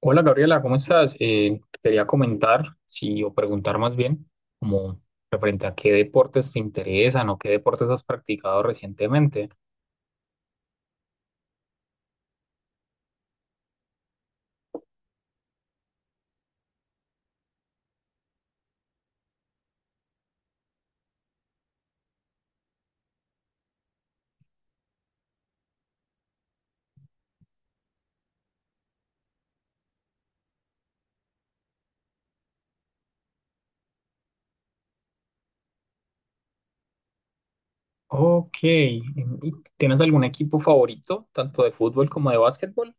Hola Gabriela, ¿cómo estás? Quería comentar, sí, o preguntar más bien, como referente a qué deportes te interesan o qué deportes has practicado recientemente. Ok, ¿tienes algún equipo favorito, tanto de fútbol como de básquetbol?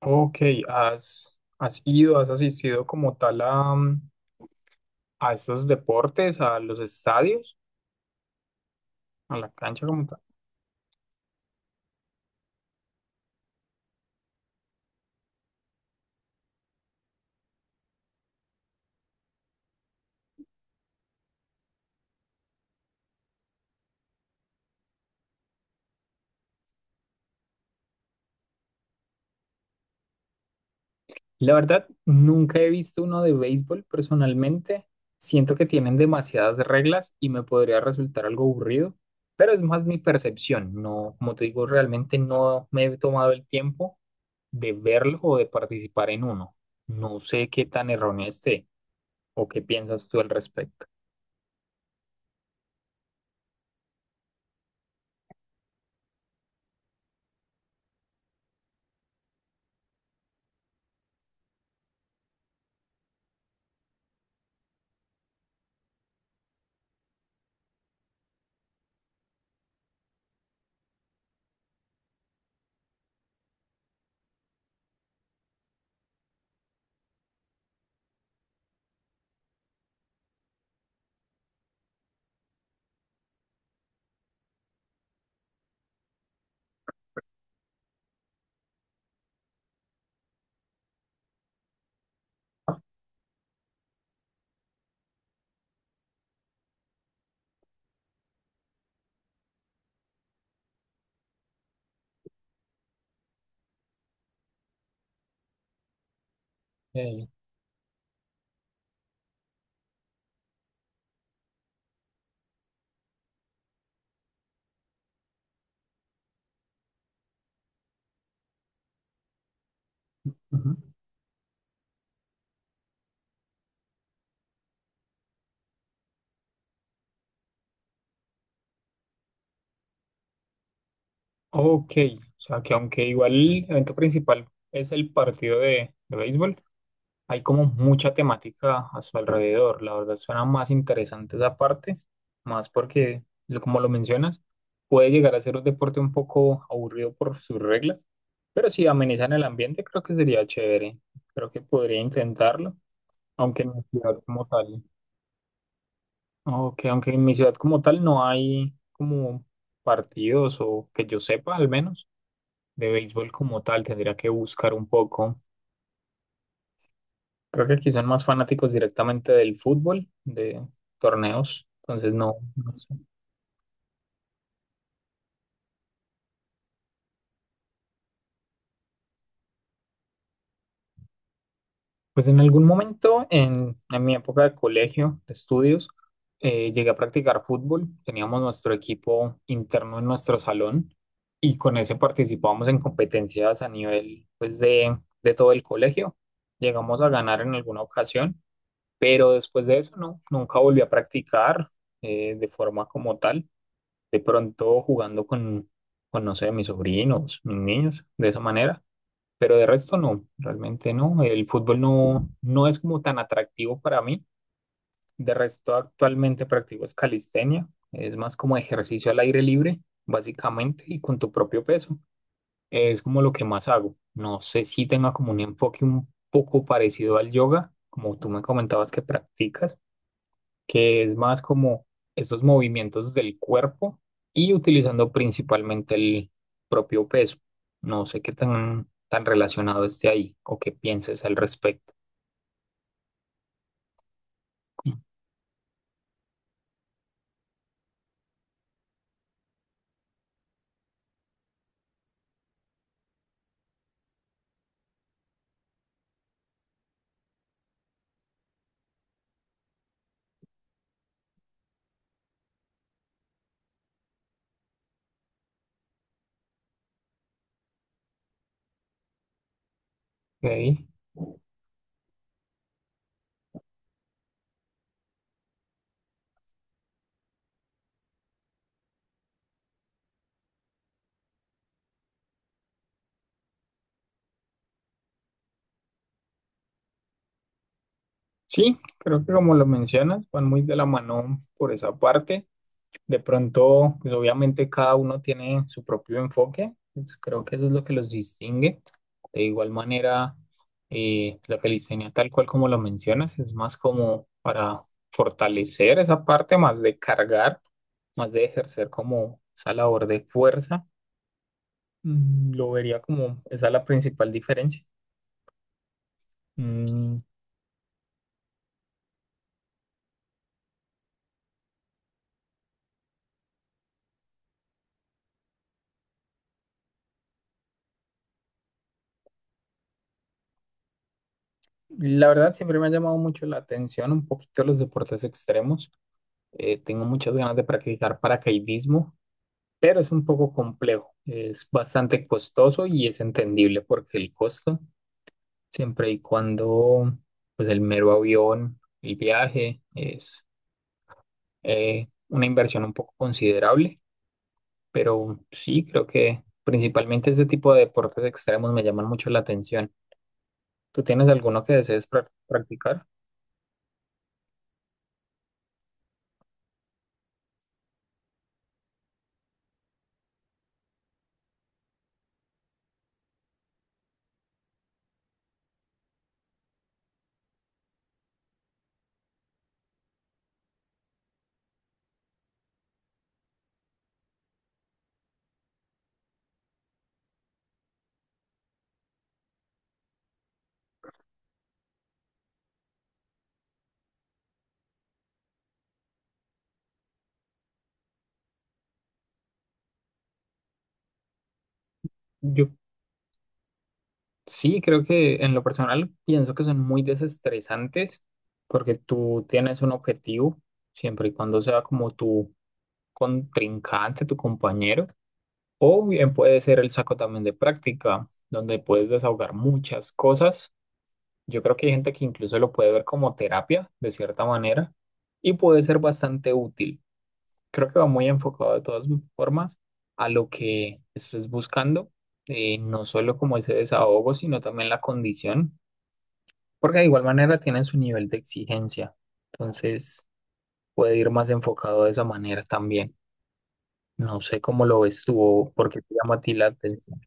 Ok, ¿has, has ido, has asistido como tal a, a esos deportes, a los estadios, a la cancha como tal? La verdad, nunca he visto uno de béisbol personalmente. Siento que tienen demasiadas reglas y me podría resultar algo aburrido, pero es más mi percepción. No, como te digo, realmente no me he tomado el tiempo de verlo o de participar en uno. No sé qué tan erróneo esté o qué piensas tú al respecto. Eh, Ujú. Ok, o sea que aunque igual el evento principal es el partido de béisbol, hay como mucha temática a su alrededor. La verdad suena más interesante esa parte, más porque, lo- como lo mencionas, puede llegar a ser un deporte un poco aburrido por sus reglas, pero si amenizan el ambiente, creo que sería chévere. Creo que podría intentarlo, aunque en mi ciudad como tal, aunque, aunque en mi ciudad como tal no hay como partidos, o que yo sepa al menos de béisbol como tal, tendría que buscar un poco. Creo que aquí son más fanáticos directamente del fútbol, de torneos, entonces no, no sé. Pues en algún momento, en mi época de colegio, de estudios, llegué a practicar fútbol. Teníamos nuestro equipo interno en nuestro salón y con ese participábamos en competencias a nivel, pues, de todo el colegio. Llegamos a ganar en alguna ocasión, pero después de eso, no, nunca volví a practicar, de forma como tal. De pronto jugando con, no sé, mis sobrinos, mis niños, de esa manera. Pero de resto no, realmente no. El fútbol no, no es como tan atractivo para mí. De resto actualmente practico es calistenia. Es más como ejercicio al aire libre, básicamente, y con tu propio peso. Es como lo que más hago. No sé si tenga como un enfoque un poco parecido al yoga, como tú me comentabas que practicas, que es más como estos movimientos del cuerpo y utilizando principalmente el propio peso. No sé qué tan, tan relacionado esté ahí o qué pienses al respecto. Ok. Sí, creo que como lo mencionas, van muy de la mano por esa parte. De pronto, pues obviamente cada uno tiene su propio enfoque, pues, creo que eso es lo que los distingue. De igual manera, la calistenia, tal cual como lo mencionas, es más como para fortalecer esa parte, más de cargar, más de ejercer como esa labor de fuerza. Lo vería como esa la principal diferencia. Mm, La verdad, siempre me ha llamado mucho la atención un poquito los deportes extremos. Tengo muchas ganas de practicar paracaidismo, pero es un poco complejo, es bastante costoso y es entendible porque el costo, siempre y cuando, pues el mero avión, el viaje, es una inversión un poco considerable, pero sí, creo que principalmente este tipo de deportes extremos me llaman mucho la atención. ¿Tú tienes alguno que desees practicar? Yo sí, creo que en lo personal pienso que son muy desestresantes porque tú tienes un objetivo, siempre y cuando sea como tú contrincante, tu compañero, o bien puede ser el saco también de práctica, donde puedes desahogar muchas cosas. Yo creo que hay gente que incluso lo puede ver como terapia, de cierta manera, y puede ser bastante útil. Creo que va muy enfocado de todas formas a lo que estés buscando, no solo como ese desahogo, sino también la condición, porque de igual manera tienen su nivel de exigencia. Entonces puede ir más enfocado de esa manera también. No sé cómo lo ves tú o por qué te llama a ti la atención.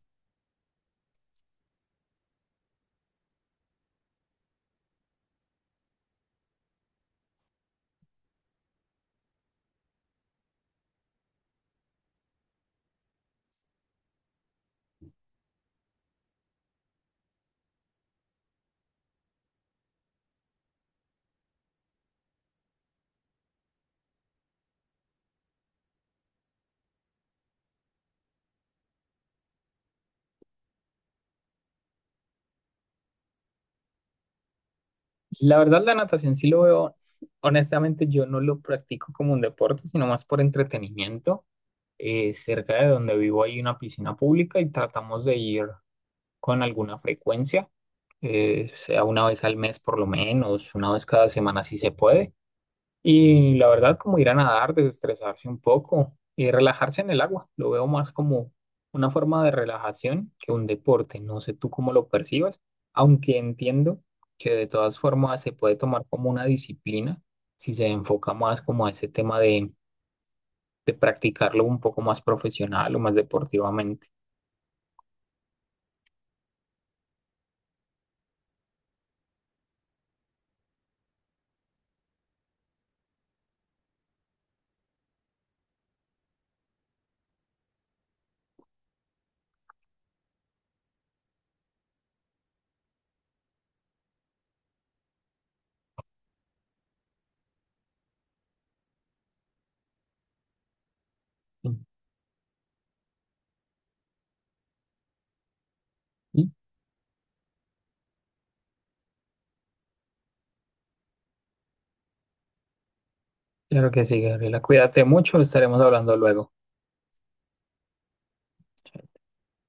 La verdad, la natación sí lo veo. Honestamente, yo no lo practico como un deporte, sino más por entretenimiento. Cerca de donde vivo hay una piscina pública y tratamos de ir con alguna frecuencia, sea una vez al mes por lo menos, una vez cada semana si se puede. Y la verdad, como ir a nadar, desestresarse un poco y relajarse en el agua. Lo veo más como una forma de relajación que un deporte. No sé tú cómo lo percibas, aunque entiendo que de todas formas se puede tomar como una disciplina si se enfoca más como a ese tema de practicarlo un poco más profesional o más deportivamente. Y claro que sí, Gabriela, cuídate mucho, estaremos hablando luego.